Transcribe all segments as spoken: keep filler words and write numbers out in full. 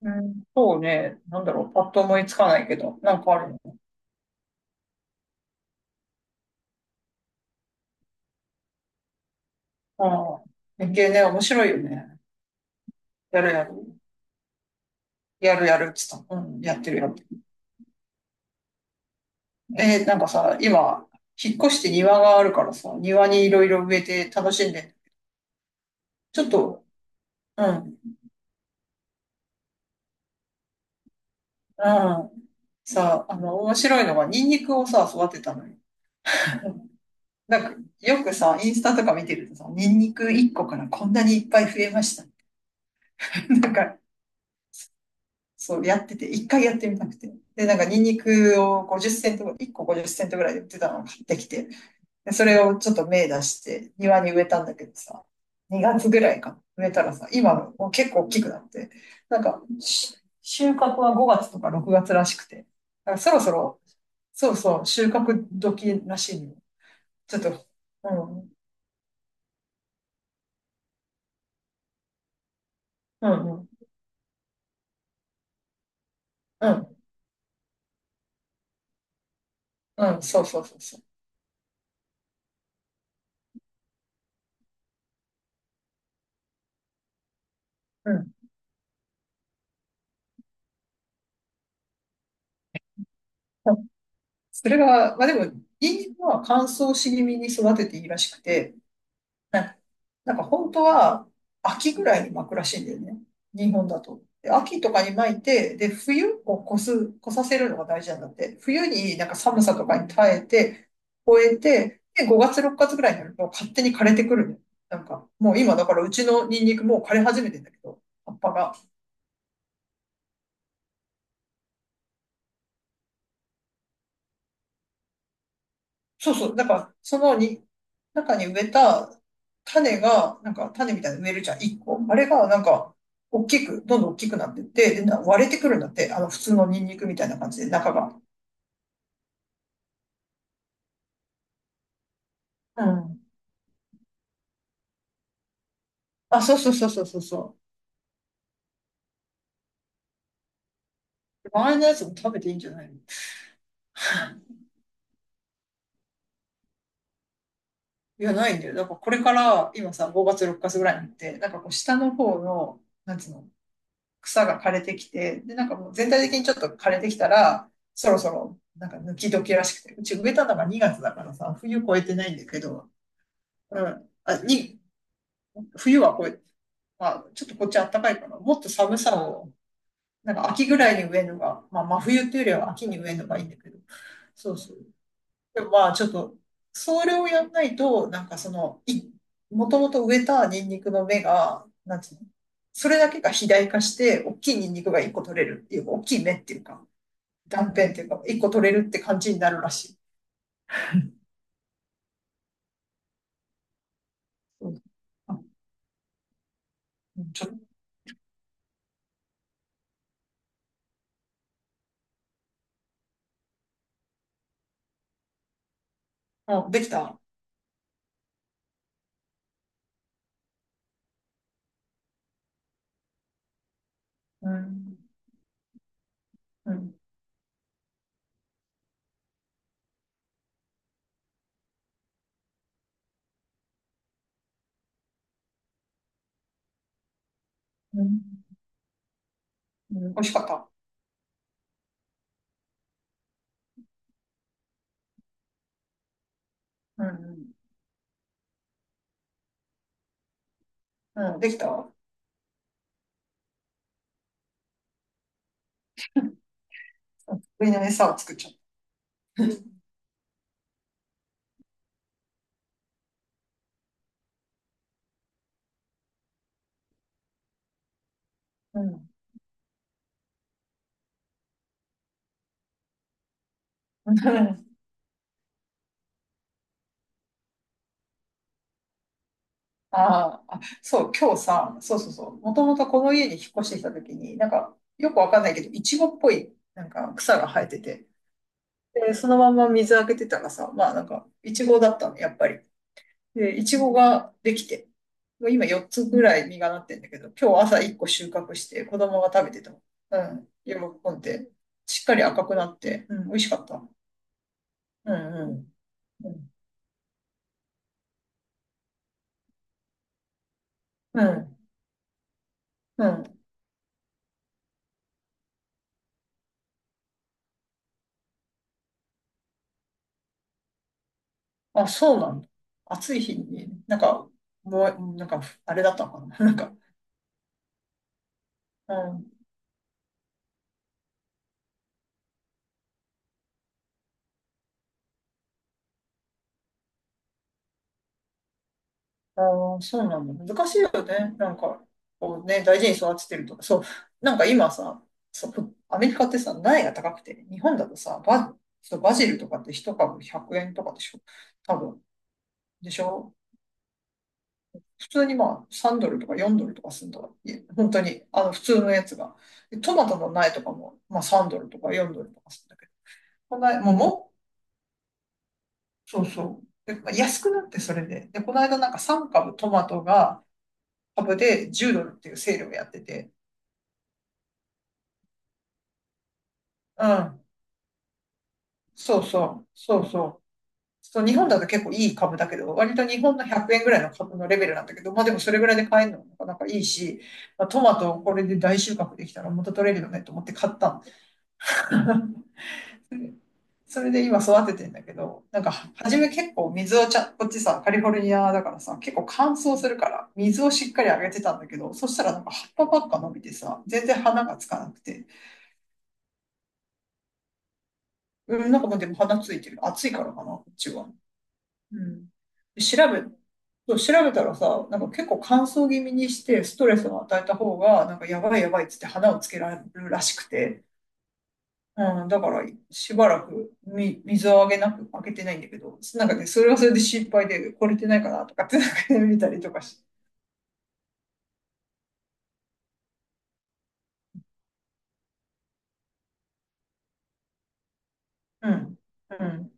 うん、そうね。なんだろう。パッと思いつかないけど。なんかあるの？うん。連ね、面白いよね。やるやる。やるやるっつった。うん。やってるやってる。えーなんかさ、今、引っ越して庭があるからさ、庭にいろいろ植えて楽しんで。ちょっと、うん。うん。さ、あの、面白いのが、ニンニクをさ、育てたのよ。なんか、よくさ、インスタとか見てるとさ、ニンニクいっこからこんなにいっぱい増えました。なんか、そう、やってて、一回やってみたくて。で、なんか、ニンニクをごじゅうセント、いっこごじゅうセントぐらいで売ってたのを買ってきて、でそれをちょっと芽出して、庭に植えたんだけどさ、にがつぐらいか、植えたらさ、今もう結構大きくなって、なんか、し収穫はごがつとかろくがつらしくて、だからそろそろ、そうそう、収穫時らしいの。ちょっと、うん、うん、うん、うん、うん、そうそうそうそう。うん。それが、まあでも、ニンニクは乾燥し気味に育てていいらしくて、ね。なんか本当は秋ぐらいに巻くらしいんだよね。日本だと。で秋とかに巻いて、で、冬を越す、越させるのが大事なんだって。冬になんか寒さとかに耐えて、越えて、で、ごがつ、ろくがつぐらいになると勝手に枯れてくるの。なんか、もう今だからうちのニンニクもう枯れ始めてんだけど、葉っぱが。そうそう。だから、そのに、中に植えた種が、なんか種みたいに植えるじゃん、一個。あれが、なんか、大きく、どんどん大きくなってって、で、な割れてくるんだって。あの、普通のニンニクみたいな感じで、中が。うん。あ、そうそうそうそうそうそう。周りのやつも食べていいんじゃないの？ いや、ないんだよ。だからこれから、今さ、ごがつむいかぐらいになって、なんかこう、下の方の、なんつうの、草が枯れてきて、で、なんかもう全体的にちょっと枯れてきたら、そろそろ、なんか抜き時らしくて、うち植えたのがにがつだからさ、冬越えてないんだけど、うん、あ、に、冬はこうまあ、ちょっとこっち暖かいから、もっと寒さを、なんか秋ぐらいに植えるのが、まあ、真冬っていうよりは秋に植えるのがいいんだけど、そうそう。でもまあちょっと、それをやんないと、なんかその、い、もともと植えたニンニクの芽が、なんつうの、それだけが肥大化して、大きいニンニクが一個取れるっていうか、大きい芽っていうか、断片っていうか、一個取れるって感じになるらしい。うん、あ、うんちょっと、うん、できた。うん、うん、うん、うん美味しかった。うん、うん、うんできた。うん、上の餌を作っちゃった。うん。あーあ、そう、今日さ、そうそうそう、もともとこの家に引っ越してきた時に、なんか、よくわかんないけど、イチゴっぽい、なんか草が生えてて、で、そのまま水あげてたらさ、まあなんか、イチゴだったの、やっぱり。で、イチゴができて、もう今よっつぐらい実がなってんだけど、今日朝いっこ収穫して、子供が食べてた。うん、喜んで、しっかり赤くなって、うん、美味しかった。うん、うん、うん、うん、うん。あ、そうなんだ。暑い日に、なんか、もう、なんか、あれだったのかな。なんか、うん。あーそうなんだ。難しいよね。なんか、こうね、大事に育ててるとか。そう。なんか今さ、そう、アメリカってさ、苗が高くて、日本だとさ、バ、そうバジルとかって一株ひゃくえんとかでしょ。多分。でしょ。普通にまあ、さんドルとかよんドルとかするんだから。いえ本当に、あの、普通のやつが。でトマトの苗とかも、まあ、さんドルとかよんドルとかするんだけど。こんな、もうもそうそう。で、安くなって、それで。で、この間なんかさん株トマトが株でじゅうドルっていうセールをやってて。うん。そうそう。そうそう。そう、日本だと結構いい株だけど、割と日本のひゃくえんぐらいの株のレベルなんだけど、まあでもそれぐらいで買えるのもなかなかいいし、まあ、トマトをこれで大収穫できたら元取れるよねと思って買ったんで。うん。それで今育ててんだけど、なんかは初め結構水をちゃ、こっちさ、カリフォルニアだからさ、結構乾燥するから、水をしっかりあげてたんだけど、そしたらなんか葉っぱばっか伸びてさ、全然花がつかなくて。うん、なんかもうでも花ついてる。暑いからかな、こっちは。うん。調べ、そう調べたらさ、なんか結構乾燥気味にして、ストレスを与えた方が、なんかやばいやばいっつって花をつけられるらしくて。うん、だから、しばらくみ、水をあげなく、あげてないんだけど、なんかね、それはそれで心配で、これてないかなとかって、なんかね、見たりとかし。うん、うん、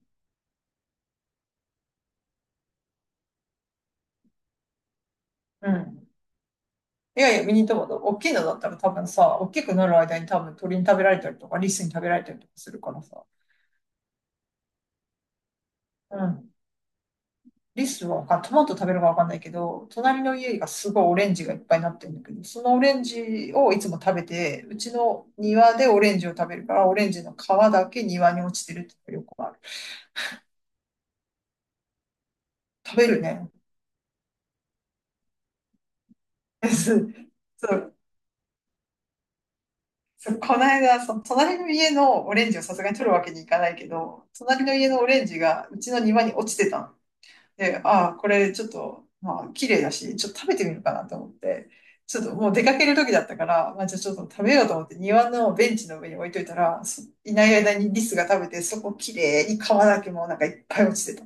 うん。いやいや、ミニトマト、大きいのだったら多分さ、大きくなる間に多分鳥に食べられたりとか、リスに食べられたりとかするからさ。うん。リスはわかトマト食べるかわかんないけど、隣の家がすごいオレンジがいっぱいになってるんだけど、そのオレンジをいつも食べて、うちの庭でオレンジを食べるから、オレンジの皮だけ庭に落ちてるってよくある。食べるね。そう、そう、この間、その隣の家のオレンジをさすがに取るわけにいかないけど、隣の家のオレンジがうちの庭に落ちてたの。で、ああ、これちょっと、まあ、綺麗だし、ちょっと食べてみるかなと思って、ちょっともう出かける時だったから、まあ、じゃあちょっと食べようと思って庭のベンチの上に置いといたら、そいない間にリスが食べて、そこ綺麗に皮だけもうなんかいっぱい落ちてた。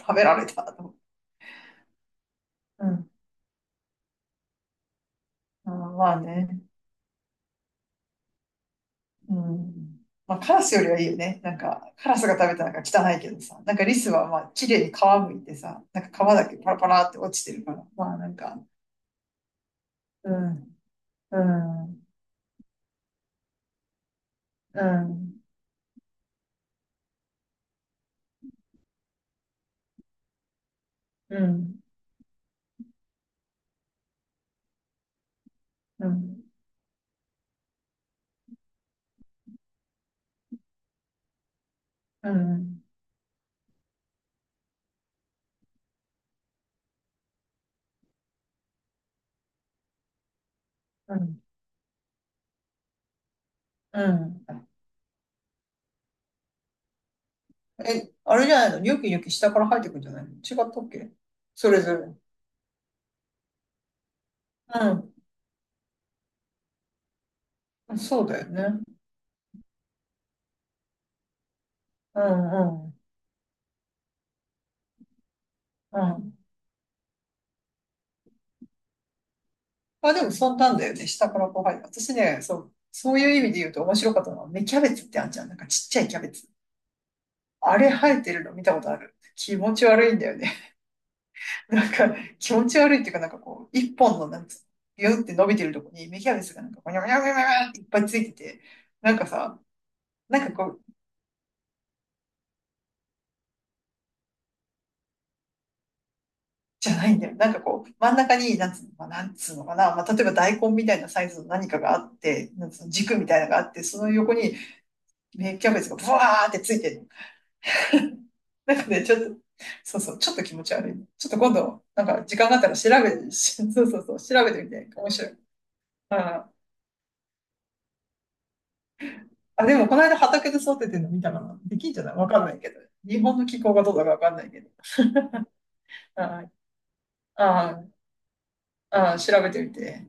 食べられたと思って。うん。うんまあね。うん。まあ、カラスよりはいいよね。なんか、カラスが食べたらなんか汚いけどさ、なんかリスはまあ、綺麗に皮むいてさ、なんか皮だけパラパラって落ちてるから、まあなんか、うん、うん、うん、うん、うん、うん、うん。うん。え、あれじゃないの？ニョキニョキ下から生えてくんじゃないの？違ったっけ？それぞれ。うん、そうだよね。うん、うん、うん。まあ、でもそんなんだよね。下からこう入る。私ね、そう、そういう意味で言うと面白かったのは、芽キャベツってあんじゃん。なんかちっちゃいキャベツ。あれ生えてるの見たことある。気持ち悪いんだよね。なんか気持ち悪いっていうか、なんかこう、一本のなんつうの、ビューって伸びてるとこに芽キャベツがなんか、ゴニョゴニョゴニョゴニョっていっぱいついてて、なんかさ、なんかこう、じゃないんだよ。なんかこう、真ん中に、なんつうのかな、なんつうのかな、まあ、例えば大根みたいなサイズの何かがあって、なんつうの軸みたいなのがあって、その横に、芽キャベツがブワーってついてる。 なんかね、ちょっと、そうそう、ちょっと気持ち悪い。ちょっと今度、なんか時間があったら調べて、しそうそうそう、調べてみて、面白い。ああ、でもこの間畑で育ててるの見たかな。できんじゃないわかんないけど。日本の気候がどうだかわかんないけど。ああ、ああ、ああ調べてみて。